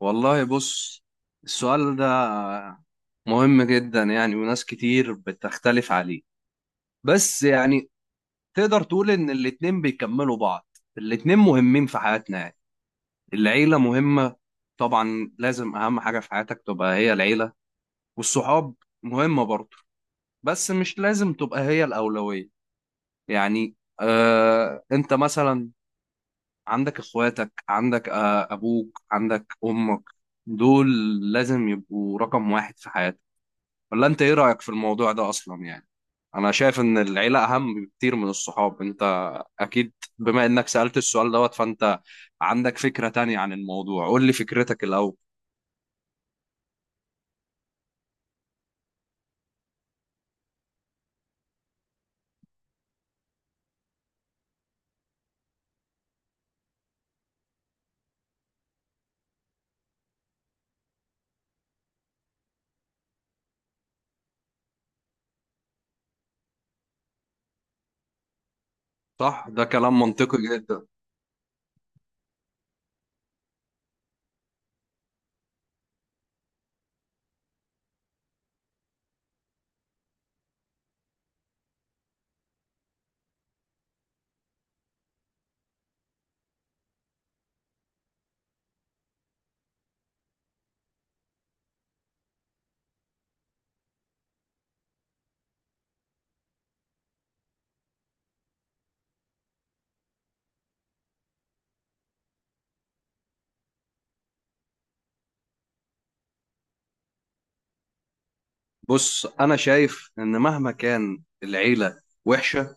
والله، بص. السؤال ده مهم جدا يعني، وناس كتير بتختلف عليه. بس يعني تقدر تقول ان الاتنين بيكملوا بعض. الاتنين مهمين في حياتنا يعني. العيلة مهمة طبعا، لازم اهم حاجة في حياتك تبقى هي العيلة. والصحاب مهمة برضه، بس مش لازم تبقى هي الأولوية. يعني، انت مثلا عندك اخواتك، عندك ابوك، عندك امك. دول لازم يبقوا رقم واحد في حياتك. ولا انت ايه رأيك في الموضوع ده اصلا يعني؟ انا شايف ان العيلة اهم بكتير من الصحاب. انت اكيد بما انك سألت السؤال دوت فانت عندك فكرة تانية عن الموضوع. قول لي فكرتك الاول. صح، ده كلام منطقي جدا. بص، انا شايف ان مهما كان العيلة وحشة،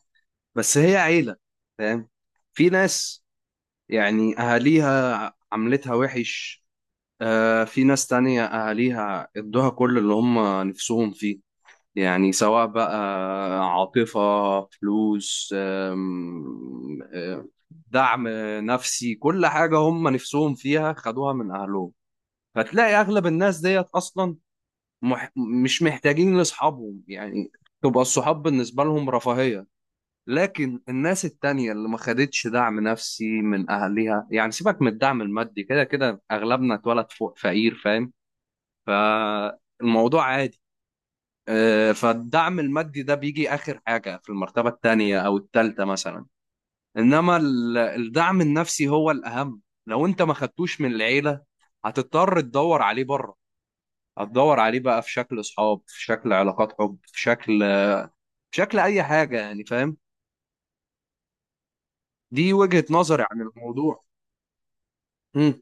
بس هي عيلة. فاهم؟ في ناس يعني اهاليها عملتها وحش. في ناس تانية اهاليها ادوها كل اللي هم نفسهم فيه. يعني سواء بقى عاطفة، فلوس، أم، أم، دعم نفسي، كل حاجة هم نفسهم فيها خدوها من أهلهم. فتلاقي أغلب الناس ديت أصلا مح مش محتاجين لأصحابهم يعني. تبقى الصحاب بالنسبة لهم رفاهية. لكن الناس التانية اللي ما خدتش دعم نفسي من أهلها، يعني سيبك من الدعم المادي، كده كده أغلبنا اتولد فوق فقير. فاهم؟ فالموضوع عادي. فالدعم المادي ده بيجي آخر حاجة في المرتبة التانية أو التالتة مثلا. إنما الدعم النفسي هو الأهم. لو أنت ما خدتوش من العيلة، هتضطر تدور عليه بره. هتدور عليه بقى في شكل أصحاب، في شكل علاقات حب، في شكل أي حاجة يعني. فاهم؟ دي وجهة نظري عن الموضوع. مم.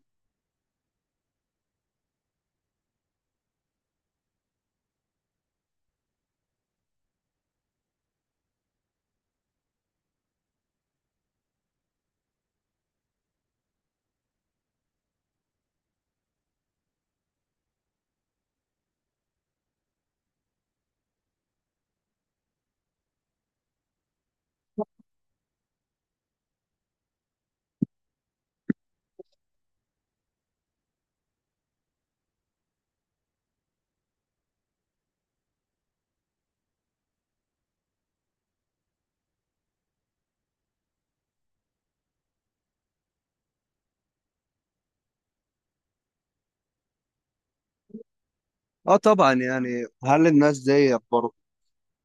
اه طبعا يعني، هل الناس ديت برضه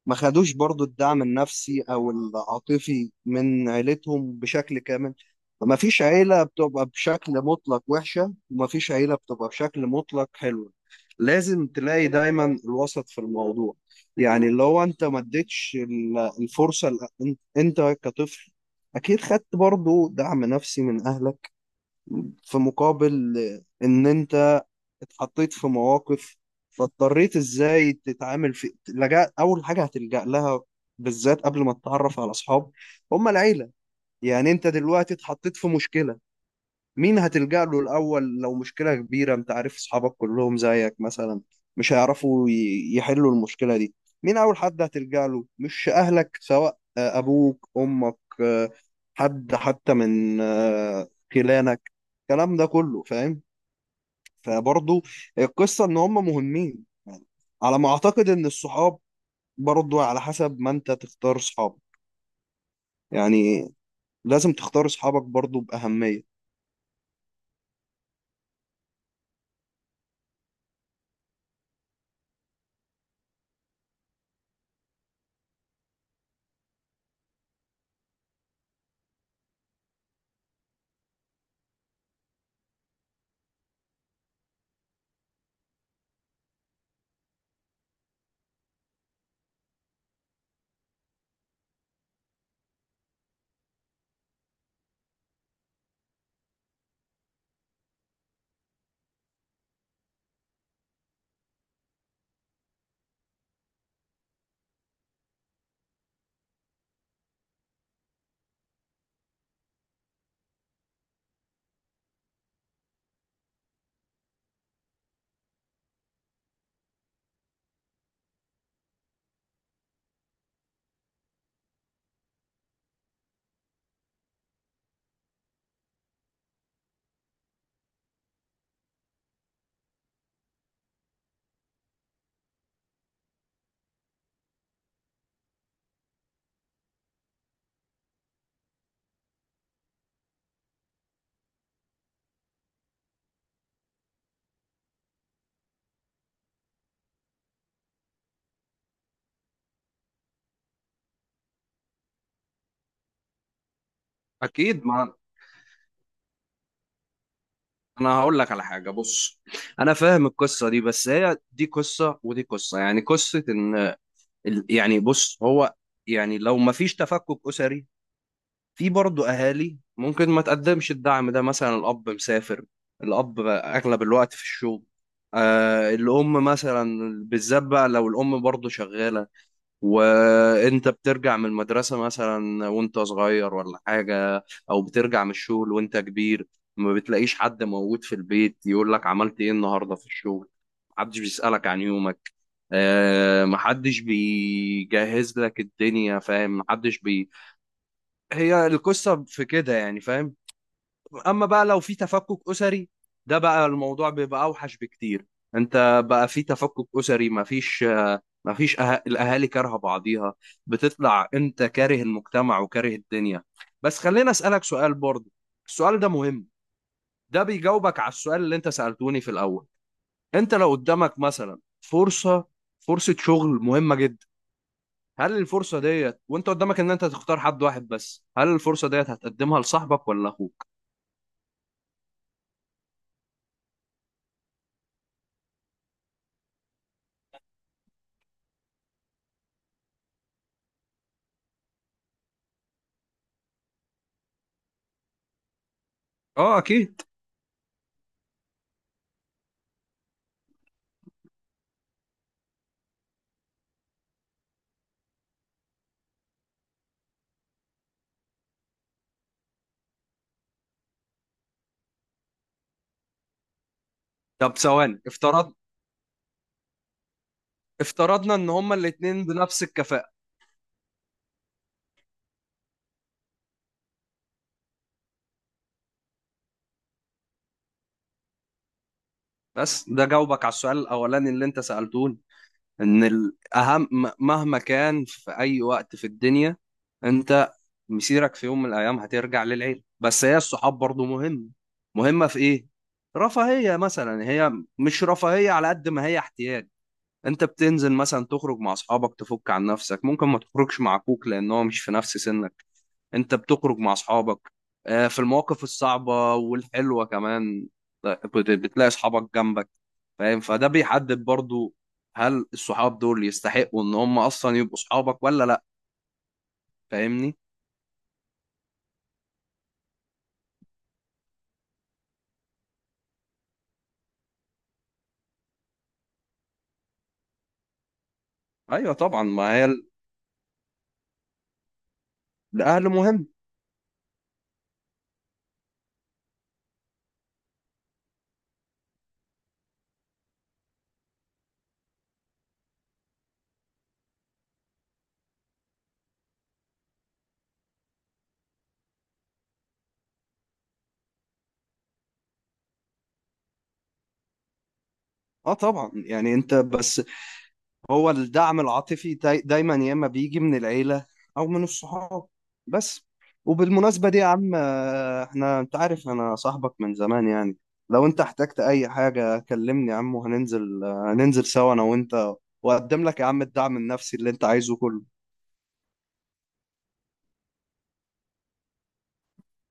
ما خدوش برضو الدعم النفسي او العاطفي من عيلتهم بشكل كامل؟ ما فيش عيلة بتبقى بشكل مطلق وحشة، وما فيش عيلة بتبقى بشكل مطلق حلوة. لازم تلاقي دايما الوسط في الموضوع. يعني اللي هو انت ما اديتش الفرصة انت كطفل، اكيد خدت برضو دعم نفسي من اهلك، في مقابل ان انت اتحطيت في مواقف. فاضطريت ازاي تتعامل. في لجأ، اول حاجه هتلجأ لها بالذات قبل ما تتعرف على اصحاب، هم العيله. يعني انت دلوقتي اتحطيت في مشكله، مين هتلجأ له الاول؟ لو مشكله كبيره، انت عارف اصحابك كلهم زيك مثلا، مش هيعرفوا يحلوا المشكله دي. مين اول حد هتلجأ له؟ مش اهلك، سواء ابوك امك، حد حتى من خلانك الكلام ده كله. فاهم؟ فبرضه القصة ان هم مهمين. على ما اعتقد ان الصحاب برضه على حسب ما انت تختار صحابك يعني، لازم تختار صحابك برضه بأهمية. اكيد، ما انا هقول لك على حاجه. بص، انا فاهم القصه دي، بس هي دي قصه ودي قصه، يعني قصه ان يعني، بص، هو يعني لو ما فيش تفكك اسري، في برضه اهالي ممكن ما تقدمش الدعم ده، مثلا الاب مسافر، الاب اغلب الوقت في الشغل. الام مثلا، بالذات بقى لو الام برضه شغاله، وانت بترجع من المدرسه مثلا وانت صغير ولا حاجه، او بترجع من الشغل وانت كبير، ما بتلاقيش حد موجود في البيت يقول لك عملت ايه النهارده في الشغل. محدش بيسألك عن يومك، محدش بيجهز لك الدنيا. فاهم؟ محدش بي هي القصة في كده يعني. فاهم؟ أما بقى لو في تفكك أسري، ده بقى الموضوع بيبقى أوحش بكتير. أنت بقى في تفكك أسري، مفيش الأهالي كارهة بعضيها. بتطلع أنت كاره المجتمع وكاره الدنيا. بس خليني أسألك سؤال برضه، السؤال ده مهم. ده بيجاوبك على السؤال اللي أنت سألتوني في الأول. أنت لو قدامك مثلا فرصة شغل مهمة جدا، هل الفرصة ديت وانت قدامك ان انت تختار حد واحد بس، هل الفرصة ديت هتقدمها لصاحبك ولا اخوك؟ اه، اكيد. طب ثواني. افترضنا ان هما الاتنين بنفس الكفاءة. بس ده جاوبك على السؤال الاولاني اللي انت سألتوني، ان الاهم مهما كان في اي وقت في الدنيا، انت مسيرك في يوم من الايام هترجع للعيلة. بس هي الصحاب برضو مهم، مهمة في ايه؟ رفاهية مثلا هي، مش رفاهية على قد ما هي احتياج. انت بتنزل مثلا تخرج مع اصحابك تفك عن نفسك، ممكن ما تخرجش مع اخوك لان هو مش في نفس سنك. انت بتخرج مع اصحابك، في المواقف الصعبة والحلوة كمان، بتلاقي اصحابك جنبك. فاهم؟ فده بيحدد برضو، هل الصحاب دول يستحقوا ان هم اصلا يبقوا اصحابك ولا لا؟ فاهمني؟ ايوه طبعا، ما هي الاهل مهم. اه طبعا يعني، انت بس، هو الدعم العاطفي دايما يا اما بيجي من العيله، او من الصحاب بس. وبالمناسبه دي يا عم، احنا، انت عارف انا صاحبك من زمان يعني، لو انت احتجت اي حاجه كلمني يا عم، وهننزل آه، هننزل سوا انا وانت، واقدم لك يا عم الدعم النفسي اللي انت عايزه كله.